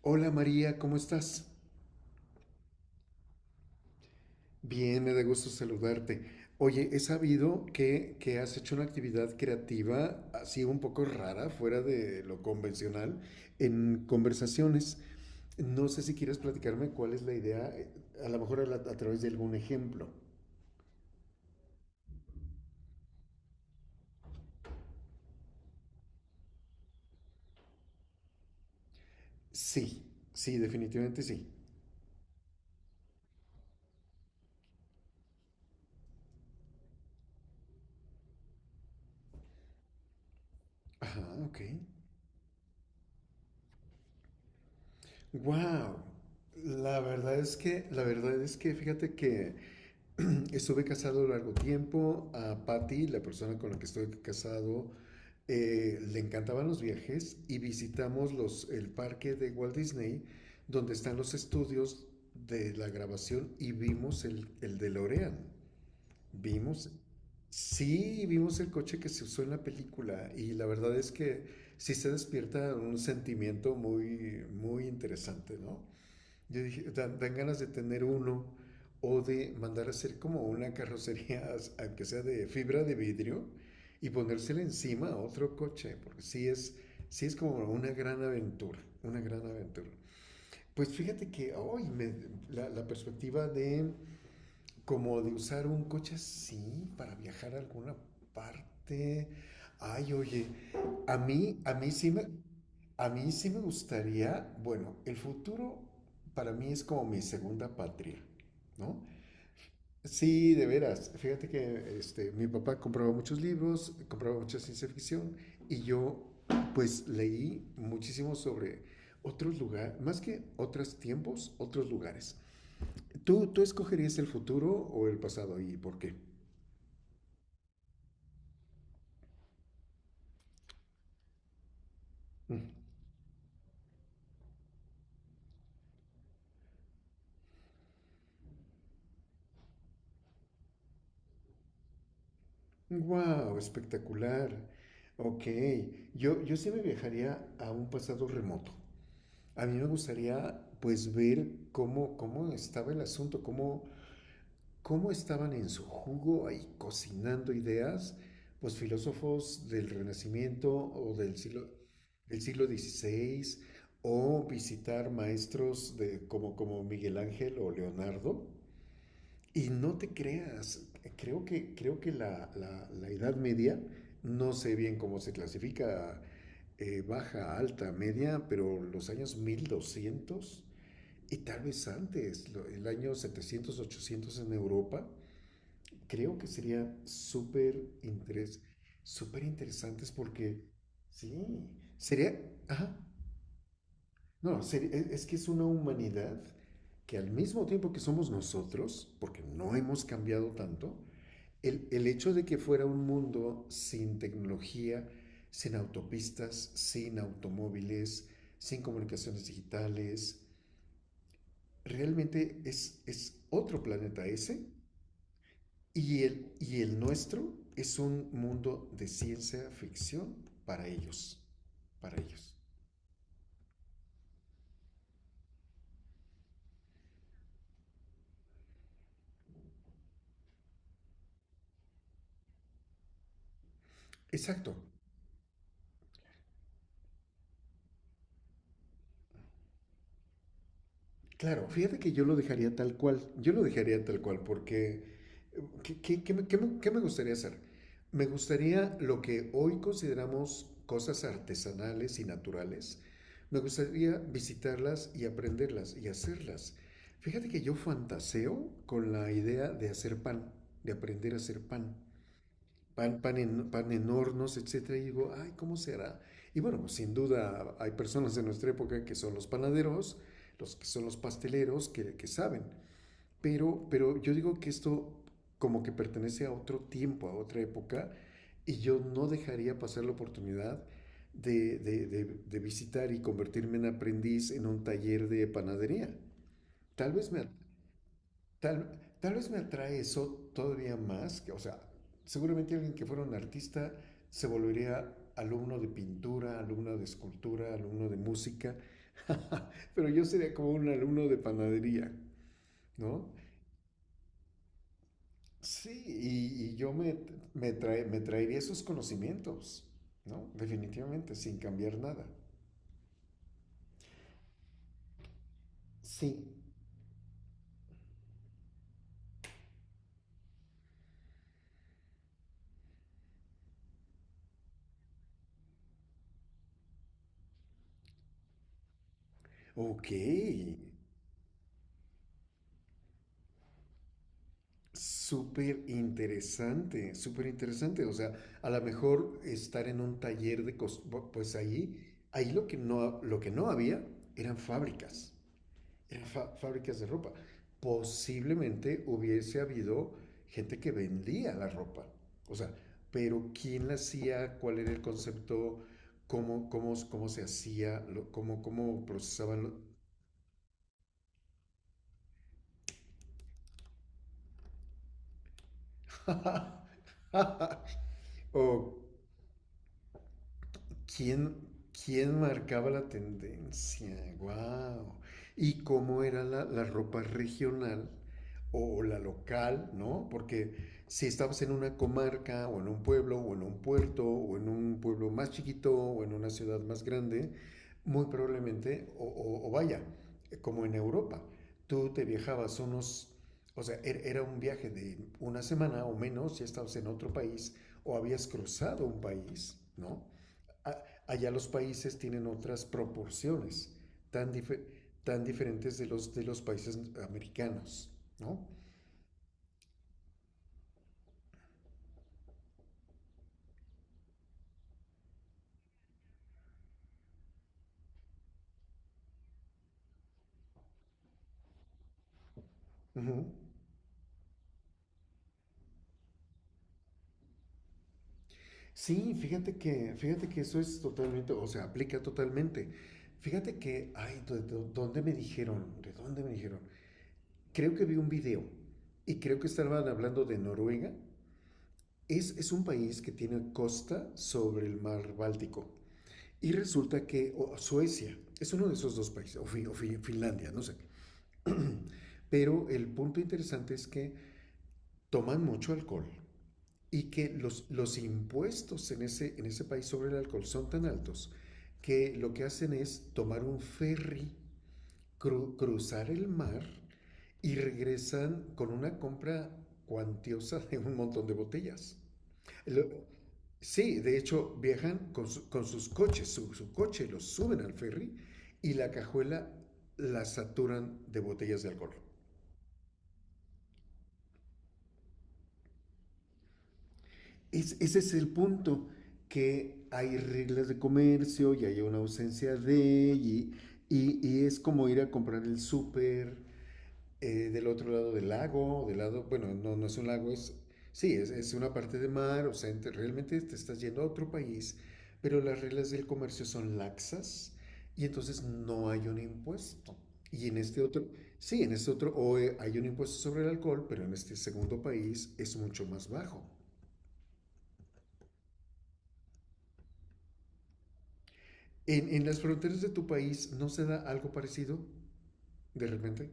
Hola María, ¿cómo estás? Bien, me da gusto saludarte. Oye, he sabido que has hecho una actividad creativa así un poco rara, fuera de lo convencional, en conversaciones. No sé si quieres platicarme cuál es la idea, a lo mejor a través de algún ejemplo. Sí, sí, definitivamente sí. Ajá, ok. Wow. La verdad es que, fíjate que estuve casado largo tiempo. A Patty, la persona con la que estoy casado, le encantaban los viajes y visitamos el parque de Walt Disney, donde están los estudios de la grabación y vimos el DeLorean. Vimos, sí, vimos el coche que se usó en la película y la verdad es que sí se despierta un sentimiento muy, muy interesante, ¿no? Yo dije, dan ganas de tener uno o de mandar a hacer como una carrocería, aunque sea de fibra de vidrio, y ponérsela encima a otro coche, porque sí es como una gran aventura, una gran aventura. Pues fíjate que hoy la perspectiva de como de usar un coche así para viajar a alguna parte. Ay, oye, a mí, a mí sí me, a mí sí me gustaría, bueno, el futuro para mí es como mi segunda patria, ¿no? Sí, de veras. Fíjate que este, mi papá compraba muchos libros, compraba mucha ciencia ficción y yo pues leí muchísimo sobre otros lugares, más que otros tiempos, otros lugares. ¿Tú escogerías el futuro o el pasado y por qué? ¡Wow! Espectacular. Ok, yo sí me viajaría a un pasado remoto. A mí me gustaría pues ver cómo estaba el asunto, cómo estaban en su jugo ahí cocinando ideas, pues filósofos del Renacimiento o del siglo XVI, o visitar maestros de, como Miguel Ángel o Leonardo. Y no te creas, creo que la Edad Media, no sé bien cómo se clasifica, baja, alta, media, pero los años 1200 y tal vez antes, el año 700 800 en Europa, creo que sería súper interesantes porque, sí, sería, ajá, no, es que es una humanidad que al mismo tiempo que somos nosotros, porque no hemos cambiado tanto, el hecho de que fuera un mundo sin tecnología, sin autopistas, sin automóviles, sin comunicaciones digitales, realmente es otro planeta ese, y el nuestro es un mundo de ciencia ficción para ellos, para ellos. Exacto. Claro, fíjate que yo lo dejaría tal cual. Yo lo dejaría tal cual porque qué me gustaría hacer? Me gustaría lo que hoy consideramos cosas artesanales y naturales. Me gustaría visitarlas y aprenderlas y hacerlas. Fíjate que yo fantaseo con la idea de hacer pan, de aprender a hacer pan en hornos, etcétera, y digo, ay, ¿cómo será? Y bueno, pues, sin duda hay personas de nuestra época que son los panaderos, los que son los pasteleros, que saben, pero yo digo que esto como que pertenece a otro tiempo, a otra época, y yo no dejaría pasar la oportunidad de visitar y convertirme en aprendiz en un taller de panadería. Tal vez me, tal vez me atrae eso todavía más, que, o sea, seguramente alguien que fuera un artista se volvería alumno de pintura, alumno de escultura, alumno de música, pero yo sería como un alumno de panadería, ¿no? Sí, y yo me traería esos conocimientos, ¿no? Definitivamente, sin cambiar nada. Sí, ok, súper interesante, súper interesante. O sea, a lo mejor estar en un taller de pues ahí lo que no había eran fábricas, eran fábricas de ropa. Posiblemente hubiese habido gente que vendía la ropa. O sea, pero ¿quién la hacía? ¿Cuál era el concepto? ¿Cómo se hacía? ¿Cómo procesaban? Ok, ¿Quién, quién marcaba la tendencia? ¡Wow! Y cómo era la ropa regional o la local, ¿no? Porque si estabas en una comarca o en un pueblo o en un puerto o en un pueblo más chiquito o en una ciudad más grande, muy probablemente, o vaya, como en Europa, tú te viajabas unos, o sea, era un viaje de una semana o menos, ya estabas en otro país o habías cruzado un país, ¿no? a- Allá los países tienen otras proporciones tan, dife- tan diferentes de los países americanos, ¿no? Ujú. Sí, fíjate que eso es totalmente, o sea, aplica totalmente. Fíjate que, ay, ¿de dónde me dijeron? ¿De dónde me dijeron? Creo que vi un video y creo que estaban hablando de Noruega. Es un país que tiene costa sobre el mar Báltico. Y resulta que o Suecia es uno de esos dos países, o, Finlandia, no sé. Pero el punto interesante es que toman mucho alcohol y que los impuestos en ese país sobre el alcohol son tan altos que lo que hacen es tomar un ferry, cruzar el mar y regresan con una compra cuantiosa de un montón de botellas. Lo- sí, de hecho viajan con sus coches, su coche los suben al ferry y la cajuela la saturan de botellas de alcohol. Ese es el punto, que hay reglas de comercio y hay una ausencia de… Y, y es como ir a comprar el súper del otro lado del lago, del lado, bueno, no, no es un lago, es, sí, es una parte de mar, o sea, realmente te estás yendo a otro país, pero las reglas del comercio son laxas y entonces no hay un impuesto. Y en este otro, sí, en este otro, o hay un impuesto sobre el alcohol, pero en este segundo país es mucho más bajo. ¿En las fronteras de tu país no se da algo parecido de repente?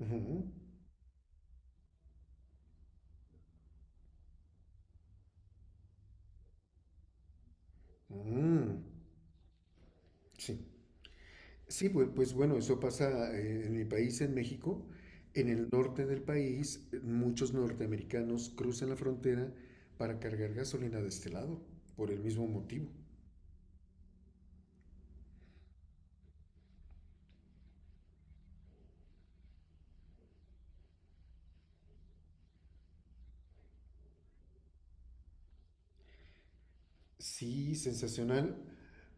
Ujú. Mm, sí. Sí, pues bueno, eso pasa en mi país, en México. En el norte del país, muchos norteamericanos cruzan la frontera para cargar gasolina de este lado, por el mismo motivo. Sí, sensacional.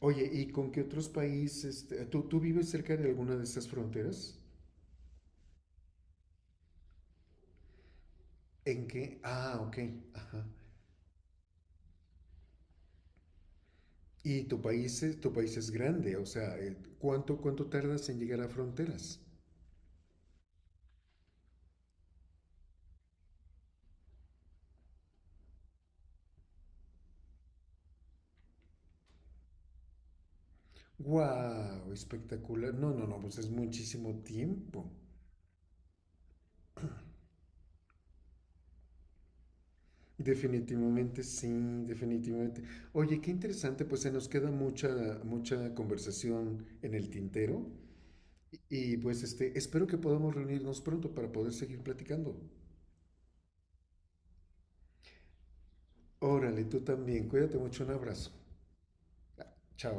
Oye, ¿y con qué otros países? Este, ¿tú vives cerca de alguna de estas fronteras? ¿En qué? Ah, ok. Ajá. Y tu país es grande, o sea, ¿cuánto tardas en llegar a fronteras? ¡Wow! Espectacular. No, no, no, pues es muchísimo tiempo. Definitivamente sí, definitivamente. Oye, qué interesante, pues se nos queda mucha, mucha conversación en el tintero. Y pues este, espero que podamos reunirnos pronto para poder seguir platicando. Órale, tú también. Cuídate mucho, un abrazo. Chao.